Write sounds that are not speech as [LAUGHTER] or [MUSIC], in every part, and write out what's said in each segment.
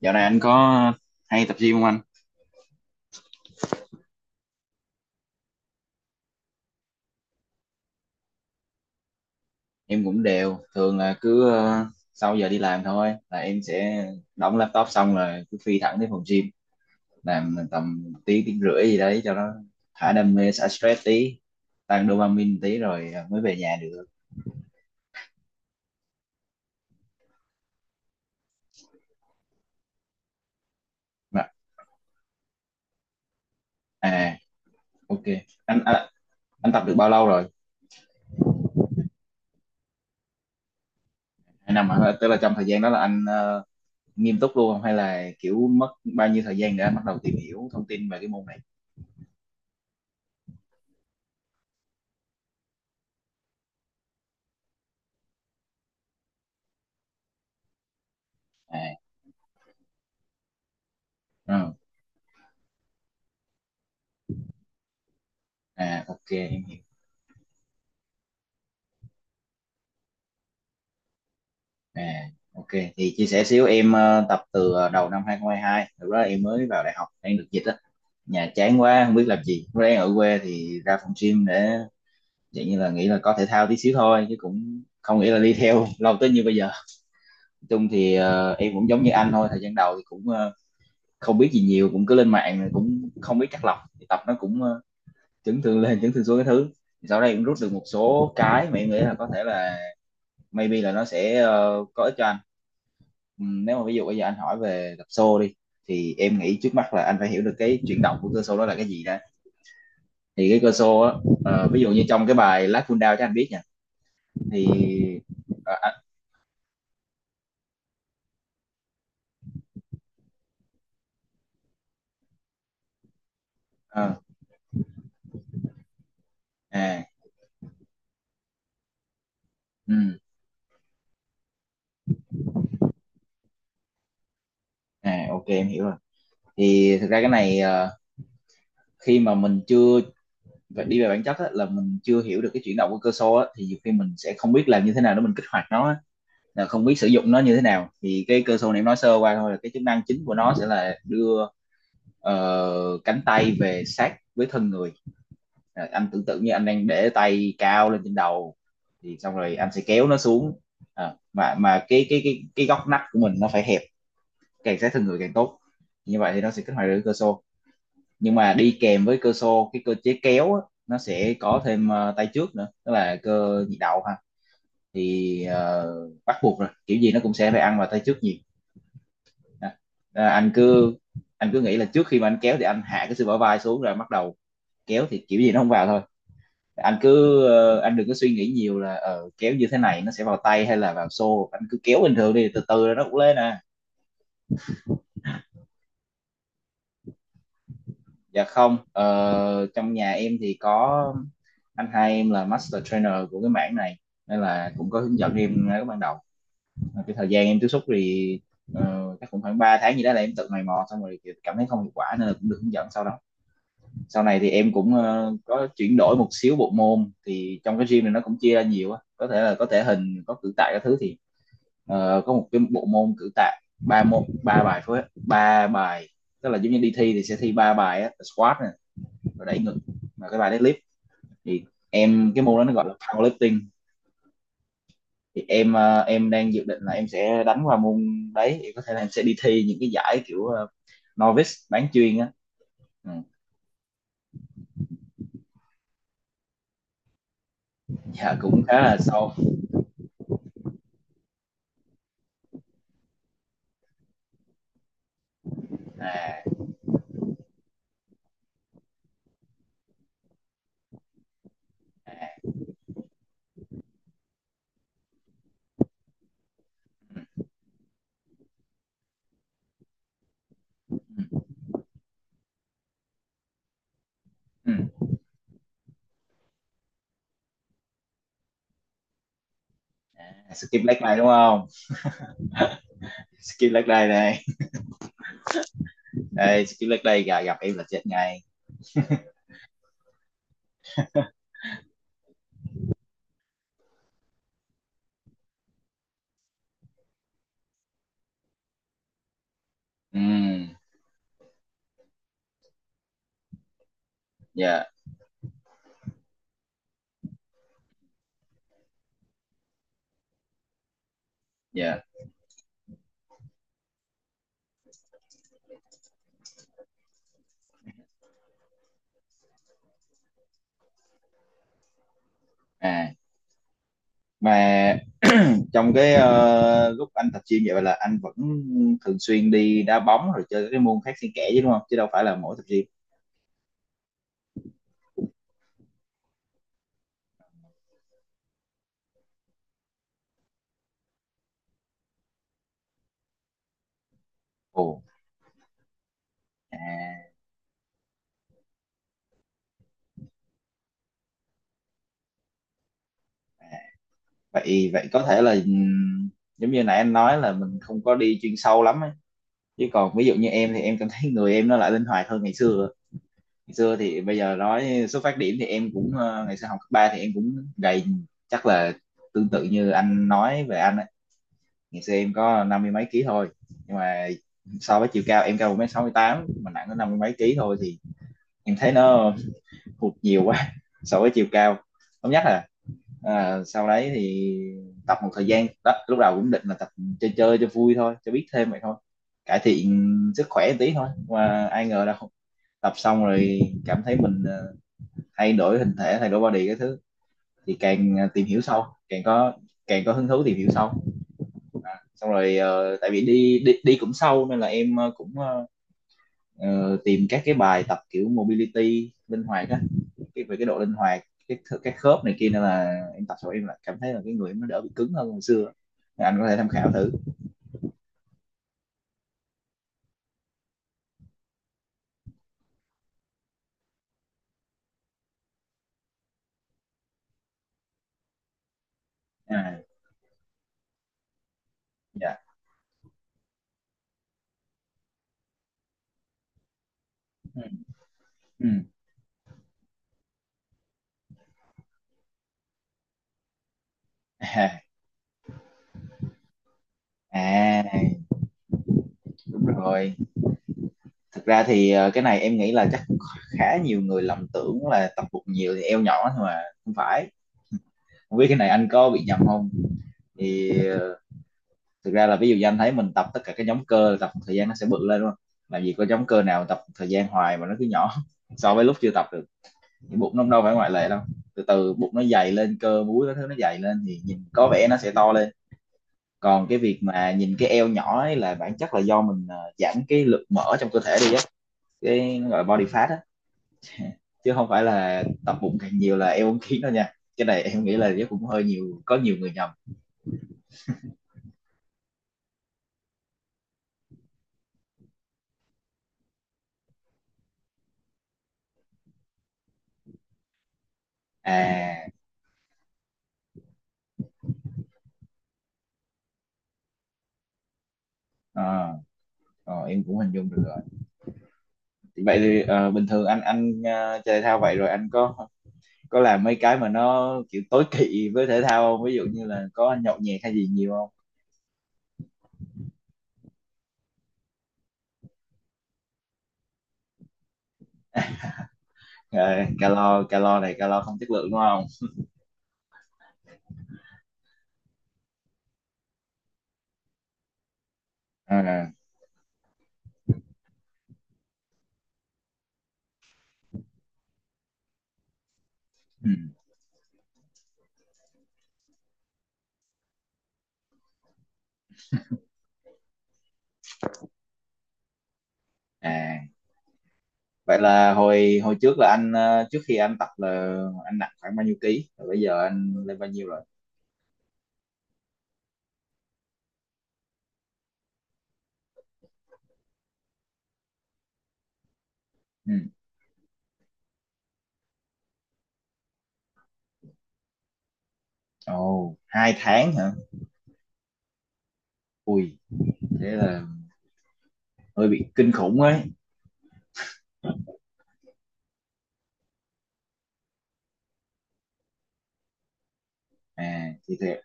Dạo này anh có hay tập gym không anh? Em cũng đều, thường là cứ sau giờ đi làm thôi là em sẽ đóng laptop xong rồi cứ phi thẳng tới phòng gym, làm tầm tiếng tiếng rưỡi gì đấy cho nó thả đam mê, xả stress tí, tăng dopamine tí rồi mới về nhà được. Mà- À, ok. Anh à, anh tập được bao lâu rồi? 2 năm hả? Tức là trong thời gian đó là anh nghiêm túc luôn không hay là kiểu mất bao nhiêu thời gian để anh bắt đầu tìm hiểu thông tin về cái môn này? À, ừ. À, ok. À, ok, thì chia sẻ xíu, em tập từ đầu năm 2022, lúc đó em mới vào đại học, đang được dịch á, nhà chán quá không biết làm gì, lúc đó em ở quê thì ra phòng gym để dạng như là nghĩ là có thể thao tí xíu thôi chứ cũng không nghĩ là đi theo [LAUGHS] lâu tới như bây giờ. Nói chung thì em cũng giống như anh thôi, thời gian đầu thì cũng không biết gì nhiều, cũng cứ lên mạng rồi cũng không biết chắc lọc thì tập nó cũng chấn thương lên [LAUGHS] chấn thương xuống cái thứ. Thì sau đây cũng rút được một số cái mà em nghĩ là có thể là maybe là nó sẽ có ích cho anh. Nếu mà ví dụ bây giờ anh hỏi về tập xô đi thì em nghĩ trước mắt là anh phải hiểu được cái chuyển động của cơ xô đó là cái gì đó, thì cái cơ xô á, ví dụ như trong cái bài Last Full Down cho anh biết nha, thì ờ, anh- ờ, à, ừm, à ok em hiểu rồi. Thì thực ra cái này khi mà mình chưa phải đi về bản chất á, là mình chưa hiểu được cái chuyển động của cơ xô á, thì nhiều khi mình sẽ không biết làm như thế nào để mình kích hoạt nó á, là không biết sử dụng nó như thế nào. Thì cái cơ xô này em nói sơ qua thôi, là cái chức năng chính của nó sẽ là đưa cánh tay về sát với thân người. Anh tưởng tượng như anh đang để tay cao lên trên đầu thì xong rồi anh sẽ kéo nó xuống, mà cái góc nách của mình nó phải hẹp, càng sát thân người càng tốt, như vậy thì nó sẽ kích hoạt được cơ xô. Nhưng mà đi kèm với cơ xô, cái cơ chế kéo á, nó sẽ có thêm tay trước nữa, tức là cơ nhị đầu ha. Thì bắt buộc rồi, kiểu gì nó cũng sẽ phải ăn vào tay trước nhiều. à, à, anh cứ anh cứ nghĩ là trước khi mà anh kéo thì anh hạ cái sự bả vai xuống rồi bắt đầu kéo thì kiểu gì nó không vào thôi. Anh cứ anh đừng có suy nghĩ nhiều là kéo như thế này nó sẽ vào tay hay là vào xô, anh cứ kéo bình thường đi, từ từ rồi nó cũng lên à. Dạ không, trong nhà em thì có anh hai em là master trainer của cái mảng này nên là cũng có hướng dẫn em ngay lúc ban đầu. Cái thời gian em tiếp xúc thì chắc cũng khoảng 3 tháng gì đó là em tự mày mò, xong rồi kiểu cảm thấy không hiệu quả nên là cũng được hướng dẫn sau đó. Sau này thì em cũng có chuyển đổi một xíu bộ môn, thì trong cái gym này nó cũng chia ra nhiều á, có thể là có thể hình, có cử tạ các thứ. Thì có một cái bộ môn cử tạ ba môn, ba bài, phối ba bài, tức là giống như đi thi thì sẽ thi ba bài á, squat nè, rồi đẩy ngực, và cái bài deadlift, thì em cái môn đó nó gọi là powerlifting. Thì em đang dự định là em sẽ đánh qua môn đấy, thì có thể là em sẽ đi thi những cái giải kiểu novice bán chuyên á. Ừ. Dạ cũng khá là sâu. À, à. Ừ. Ừ. Ừ. À, skip leg day đúng không? Skip leg day đây. Đây, skip leg day gặp, gặp em là chết ngay. Ừ, dạ, dạ. À, mà trong cái lúc anh tập gym vậy là anh vẫn thường xuyên đi đá bóng rồi chơi các cái môn khác xen kẽ chứ đúng không? Chứ đâu phải là mỗi tập gym. Ồ, à, vậy vậy có thể là giống như nãy anh nói là mình không có đi chuyên sâu lắm ấy. Chứ còn ví dụ như em thì em cảm thấy người em nó lại linh hoạt hơn ngày xưa thì bây giờ nói xuất phát điểm thì em cũng ngày xưa học cấp ba thì em cũng gầy, chắc là tương tự như anh nói về anh ấy. Ngày xưa em có năm mươi mấy ký thôi, nhưng mà so với chiều cao, em cao 1,68 m mà nặng có năm mươi mấy ký thôi thì em thấy nó hụt nhiều quá [LAUGHS] so với chiều cao. Không, nhất là sau đấy thì tập một thời gian đó, lúc đầu cũng định là tập chơi chơi cho vui thôi, cho biết thêm vậy thôi, cải thiện sức khỏe một tí thôi, mà ai ngờ đâu tập xong rồi cảm thấy mình thay đổi hình thể, thay đổi body cái thứ, thì càng tìm hiểu sâu càng có hứng thú tìm hiểu sâu, xong rồi tại vì đi đi đi cũng sâu nên là em tìm các cái bài tập kiểu mobility linh hoạt á, cái về cái độ linh hoạt cái khớp này kia, nên là em tập xong em lại cảm thấy là cái người em nó đỡ bị cứng hơn hồi xưa, anh có thể tham khảo thử. À, dạ. Ừ. Ừ. [LAUGHS] À, à, đúng rồi. Thực ra thì cái này em nghĩ là chắc cũng khá nhiều người lầm tưởng là tập bụng nhiều thì eo nhỏ, nhưng mà không phải. Không biết cái này anh có bị nhầm không, thì thực ra là, ví dụ như anh thấy mình tập tất cả các nhóm cơ, tập một thời gian nó sẽ bự lên đúng không, làm gì có nhóm cơ nào tập một thời gian hoài mà nó cứ nhỏ [LAUGHS] so với lúc chưa tập được, thì bụng nó đâu phải ngoại lệ đâu, từ từ bụng nó dày lên, cơ múi nó thứ nó dày lên thì nhìn có vẻ nó sẽ to lên. Còn cái việc mà nhìn cái eo nhỏ ấy là bản chất là do mình giảm cái lượng mỡ trong cơ thể đi á, cái nó gọi là body fat á, chứ không phải là tập bụng càng nhiều là eo uốn khiến đâu nha, cái này em nghĩ là chắc cũng hơi nhiều, có nhiều người nhầm. À. ờ, em cũng hình dung được rồi. Thì vậy thì bình thường anh chơi thể thao vậy rồi anh có làm mấy cái mà nó kiểu tối kỵ với thể thao không, ví dụ như là có nhậu nhẹt hay gì nhiều không? Calo, calo này calo không chất lượng đúng không? À, ừ. À, vậy là hồi hồi trước là anh trước khi anh tập là anh nặng khoảng bao nhiêu ký rồi bây giờ anh lên bao nhiêu rồi? Ừ. Ồ, 2 tháng hả? Ui, thế là hơi bị kinh khủng ấy. À, thì thiệt.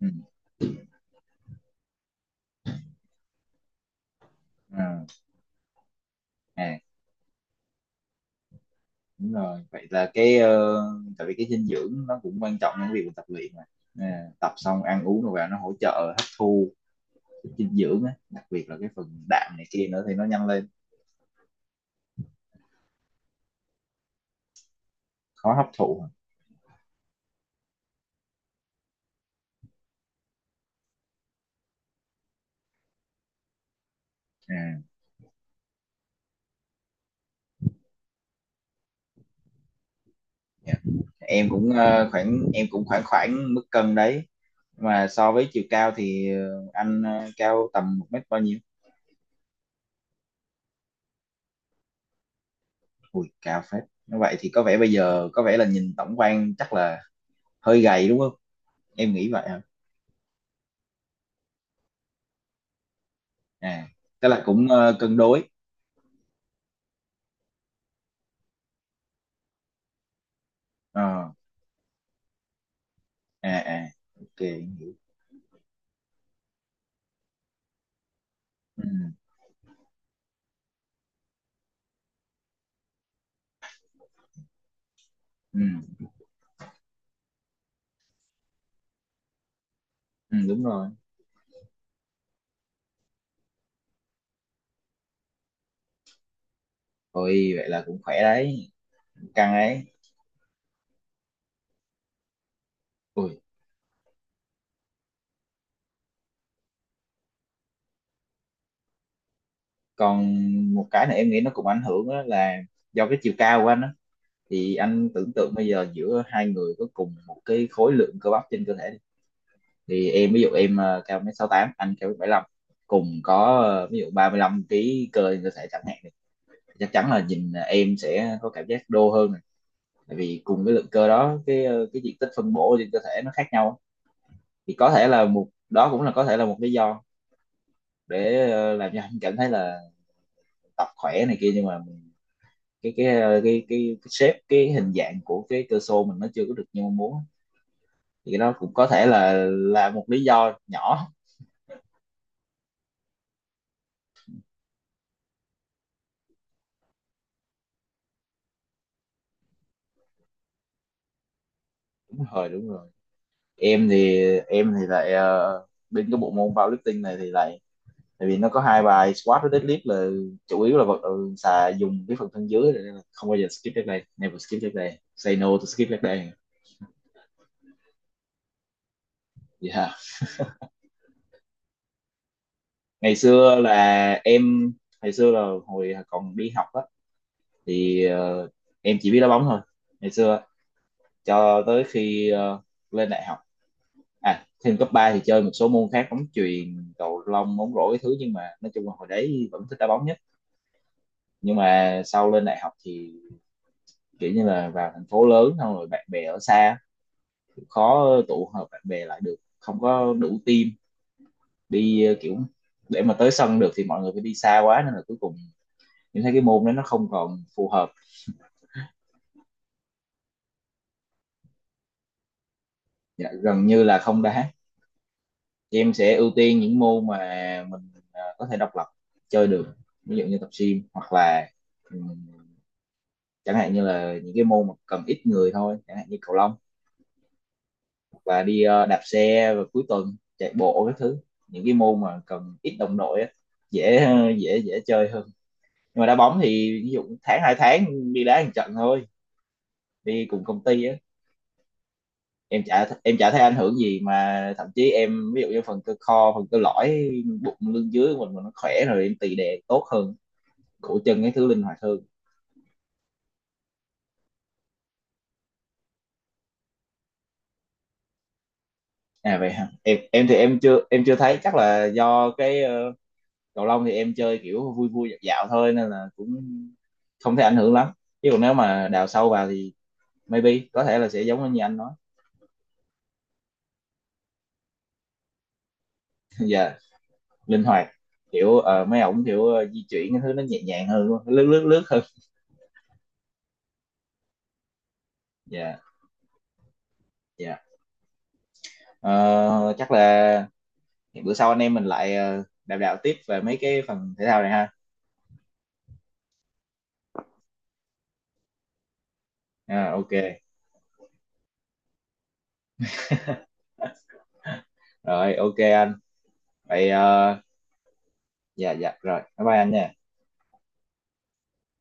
Ừ. À, à, đúng rồi. Vậy là cái tại vì cái dinh dưỡng nó cũng quan trọng trong việc mình tập luyện mà. À, tập xong ăn uống rồi vào nó hỗ trợ hấp thu cái dinh dưỡng á, đặc biệt là cái phần đạm này kia nữa thì nó nhanh lên, khó hấp thụ. À, dạ. Em cũng ờ, khoảng em cũng khoảng khoảng mức cân đấy. Mà so với chiều cao thì anh cao tầm một mét bao nhiêu? Ui, cao phết. Như vậy thì có vẻ bây giờ, có vẻ là nhìn tổng quan chắc là hơi gầy, đúng không? Em nghĩ vậy hả? À, tức là cũng cân đối. Ờ. À à. Ok. Ừ, ừ, ừ, đúng rồi. Ôi vậy là cũng khỏe đấy, căng ấy. Ui. Còn một cái này em nghĩ nó cũng ảnh hưởng á, là do cái chiều cao của anh á. Thì anh tưởng tượng bây giờ giữa hai người có cùng một cái khối lượng cơ bắp trên cơ thể đi. Thì em ví dụ em cao 1m68, anh cao 1m75, cùng có ví dụ 35 kg cơ trên cơ thể chẳng hạn, thì chắc chắn là nhìn em sẽ có cảm giác đô hơn, tại vì cùng cái lượng cơ đó, cái diện tích phân bổ trên cơ thể nó khác nhau. Thì có thể là một, đó cũng là có thể là một lý do để làm cho anh cảm thấy là tập khỏe này kia, nhưng mà cái shape, cái hình dạng của cái cơ xô mình nó chưa có được như mong muốn. Thì cái đó cũng có thể là một lý do nhỏ. Đúng rồi, đúng rồi. Em thì em thì lại bên cái bộ môn powerlifting này thì lại, tại vì nó có hai bài squat với deadlift, là chủ yếu là vật xà, dùng cái phần thân dưới, nên là không bao giờ skip leg day. Never skip leg day. Say no to skip leg day. Yeah. ngày xưa là em ngày xưa là hồi còn đi học á, thì em chỉ biết đá bóng thôi ngày xưa, cho tới khi lên đại học. À, thêm cấp 3 thì chơi một số môn khác: bóng chuyền, cầu lông, bóng rổ cái thứ, nhưng mà nói chung là hồi đấy vẫn thích đá bóng nhất. Nhưng mà sau lên đại học thì kiểu như là vào thành phố lớn xong rồi bạn bè ở xa, khó tụ hợp bạn bè lại được, không có đủ team, kiểu để mà tới sân được thì mọi người phải đi xa quá, nên là cuối cùng những thấy cái môn đó nó không còn phù hợp. Dạ, gần như là không đá. Thì em sẽ ưu tiên những môn mà mình có thể độc lập chơi được, ví dụ như tập gym hoặc là ừm, chẳng hạn như là những cái môn mà cần ít người thôi, chẳng hạn như cầu lông, hoặc là đi đạp xe vào cuối tuần, chạy bộ các thứ. Những cái môn mà cần ít đồng đội á, dễ dễ dễ chơi hơn. Nhưng mà đá bóng thì ví dụ tháng hai tháng đi đá một trận thôi, đi cùng công ty á. Em chả thấy ảnh hưởng gì, mà thậm chí em ví dụ như phần cơ lõi, bụng lưng dưới của mình mà nó khỏe rồi em tì đè tốt hơn, cổ chân cái thứ linh hoạt hơn. À vậy hả? Em em thì em chưa em chưa thấy, chắc là do cái, cầu lông thì em chơi kiểu vui vui dạo dạo thôi nên là cũng không thấy ảnh hưởng lắm, chứ còn nếu mà đào sâu vào thì maybe có thể là sẽ giống như anh nói. [LAUGHS] Dạ. Linh hoạt, kiểu mấy ổng kiểu di chuyển cái thứ nó nhẹ nhàng hơn luôn, lướt lướt lướt hơn. Dạ dạ. Ờ, chắc là bữa sau anh em mình lại đàm đạo tiếp về mấy cái phần thể thao này ha. À, ok. Rồi ok anh. Vậy dạ dạ rồi, bye bye anh nha.